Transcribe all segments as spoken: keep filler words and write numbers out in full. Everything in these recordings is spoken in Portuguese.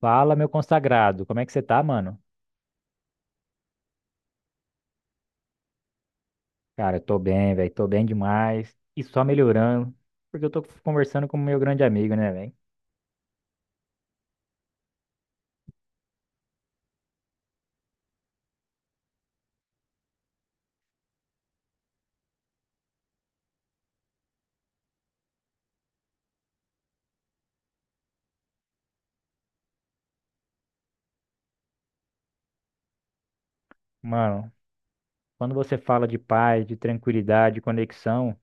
Fala, meu consagrado, como é que você tá, mano? Cara, eu tô bem, velho, tô bem demais e só melhorando, porque eu tô conversando com o meu grande amigo, né, velho? Mano, quando você fala de paz, de tranquilidade, de conexão,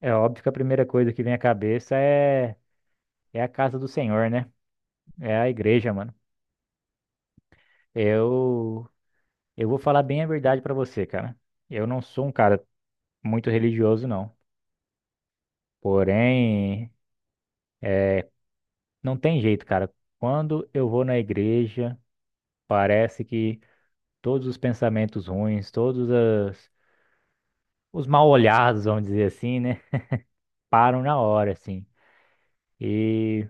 é óbvio que a primeira coisa que vem à cabeça é, é a casa do Senhor, né? É a igreja, mano. Eu, eu vou falar bem a verdade pra você, cara. Eu não sou um cara muito religioso, não. Porém, não tem jeito, cara. Quando eu vou na igreja, parece que todos os pensamentos ruins, todos as- os mal-olhados, vamos dizer assim, né? Param na hora, assim. E,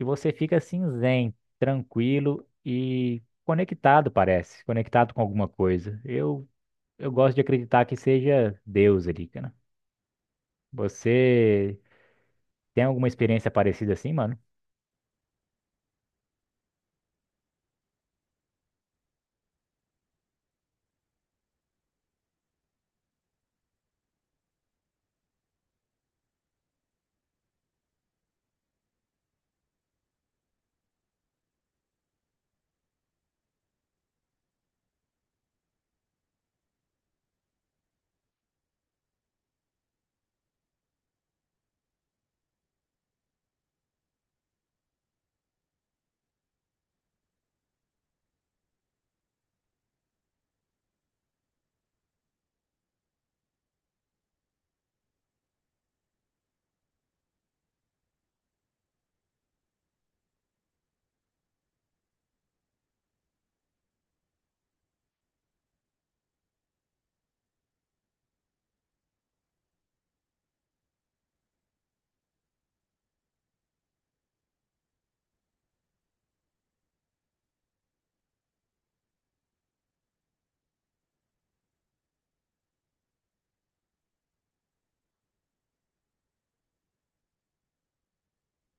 e você fica assim, zen, tranquilo e conectado, parece. Conectado com alguma coisa. Eu, eu gosto de acreditar que seja Deus ali, cara. Você tem alguma experiência parecida assim, mano?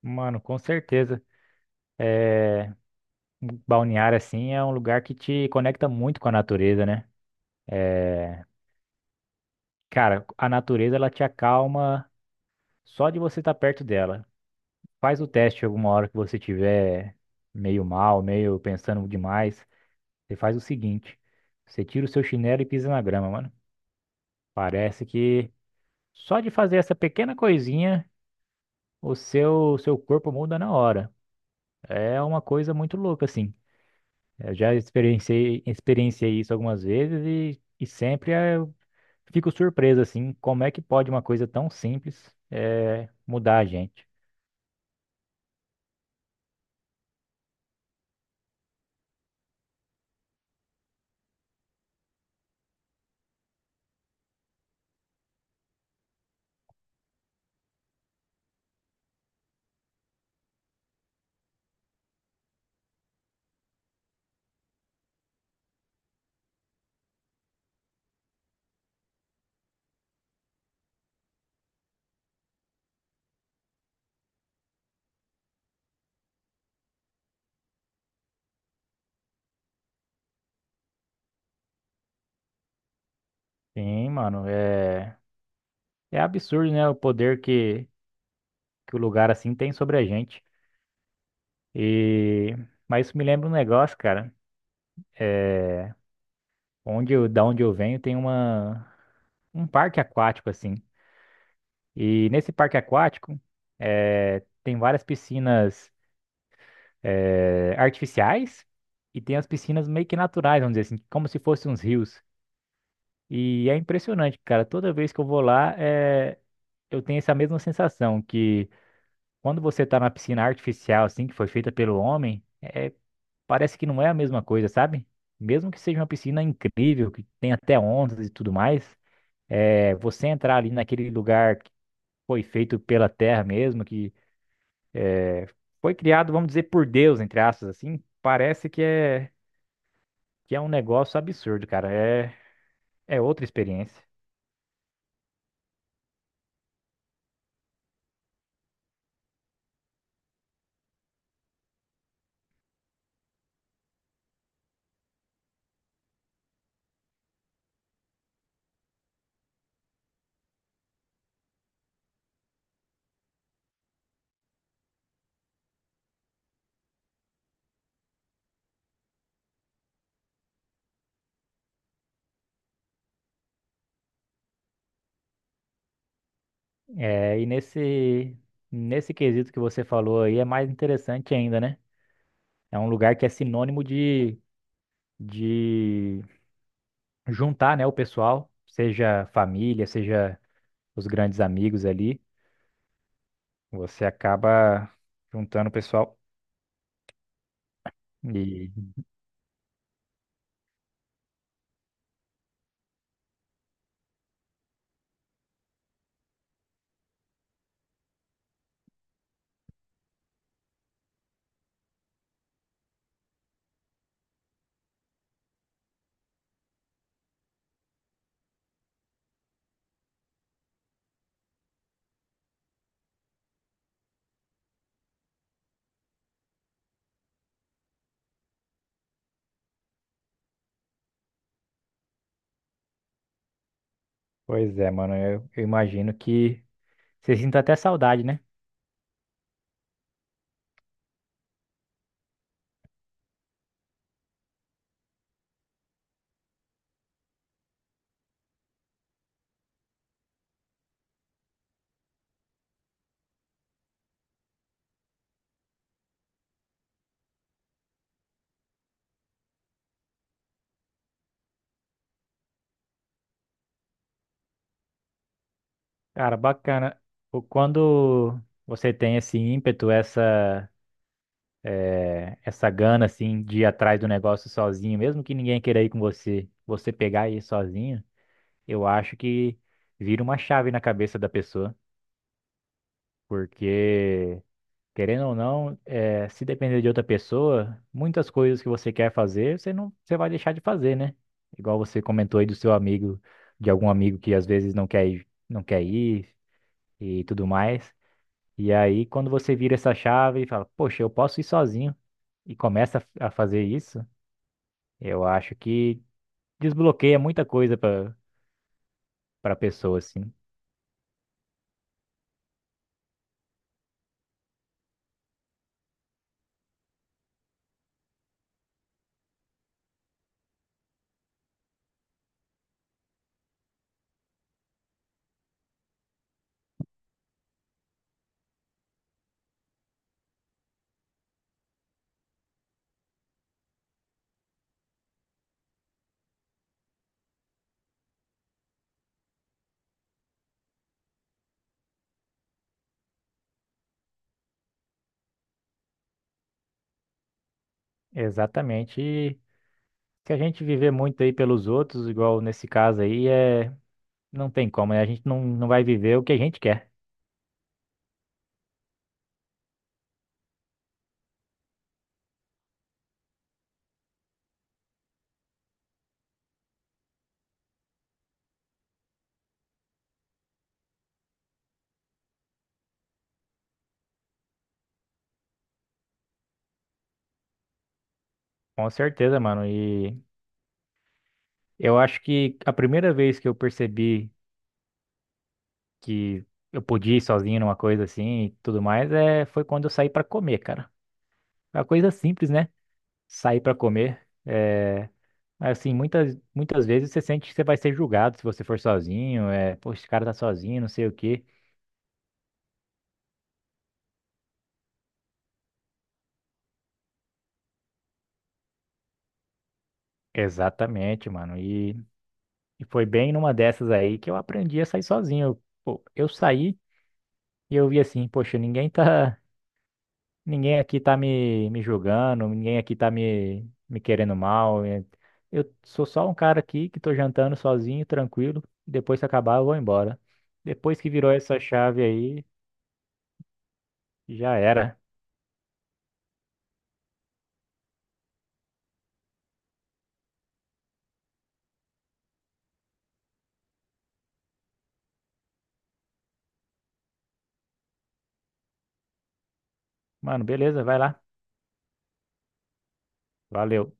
Mano, com certeza. É, balneário, assim, é um lugar que te conecta muito com a natureza, né? É, cara, a natureza, ela te acalma. Só de você estar perto dela. Faz o teste alguma hora que você tiver meio mal, meio pensando demais. Você faz o seguinte: você tira o seu chinelo e pisa na grama, mano. Parece que só de fazer essa pequena coisinha, o seu seu corpo muda na hora. É uma coisa muito louca, assim. Eu já experienciei, experienciei isso algumas vezes e, e sempre eh, eu fico surpreso, assim, como é que pode uma coisa tão simples eh, mudar a gente. Sim, mano, é. É absurdo, né? O poder que, que o lugar assim tem sobre a gente. E mas isso me lembra um negócio, cara. Onde eu, da onde eu venho tem uma um parque aquático assim. E nesse parque aquático eh, tem várias piscinas eh, artificiais e tem as piscinas meio que naturais, vamos dizer assim, como se fossem uns rios. E é impressionante, cara. Toda vez que eu vou lá, eh, eu tenho essa mesma sensação que quando você tá na piscina artificial assim que foi feita pelo homem é parece que não é a mesma coisa, sabe? Mesmo que seja uma piscina incrível, que tem até ondas e tudo mais, é, você entrar ali naquele lugar que foi feito pela terra mesmo, que foi criado, vamos dizer, por Deus, entre aspas, assim, parece que é, que é um negócio absurdo, cara. É, é outra experiência. É, e nesse, nesse quesito que você falou aí é mais interessante ainda, né? É um lugar que é sinônimo de, de juntar, né, o pessoal, seja família, seja os grandes amigos ali, você acaba juntando o pessoal. E, pois é, mano, eu, eu imagino que você sinta até saudade, né? Cara, bacana. O- Quando você tem esse ímpeto, essa, eh, essa gana, assim, de ir atrás do negócio sozinho, mesmo que ninguém queira ir com você, você pegar e ir sozinho, eu acho que vira uma chave na cabeça da pessoa, porque, querendo ou não, eh, se depender de outra pessoa, muitas coisas que você quer fazer, você não, você vai deixar de fazer, né? Igual você comentou aí do seu amigo, de algum amigo que às vezes não quer ir, não quer ir e tudo mais. E aí, quando você vira essa chave e fala, poxa, eu posso ir sozinho e começa a a fazer isso, eu acho que desbloqueia muita coisa para para a pessoa, assim. Exatamente. E se a gente viver muito aí pelos outros, igual nesse caso aí, é, não tem como, né? A gente não, não vai viver o que a gente quer. Com certeza, mano. E eu acho que a primeira vez que eu percebi que eu podia ir sozinho numa coisa assim e tudo mais é, foi quando eu saí pra comer, cara. É uma coisa simples, né? Sair pra comer. É, assim, muitas, muitas vezes você sente que você vai ser julgado se você for sozinho. É, pô, esse cara tá sozinho, não sei o quê. Exatamente, mano. E, e foi bem numa dessas aí que eu aprendi a sair sozinho. Eu, pô, eu saí. E eu vi assim, poxa, ninguém tá. Ninguém aqui tá me, me julgando, ninguém aqui tá me, me querendo mal. é- Eu sou só um cara aqui que tô jantando sozinho, tranquilo. e Depois que acabar, eu vou embora. Depois que virou essa chave aí, já era. Mano, beleza, vai lá. Valeu.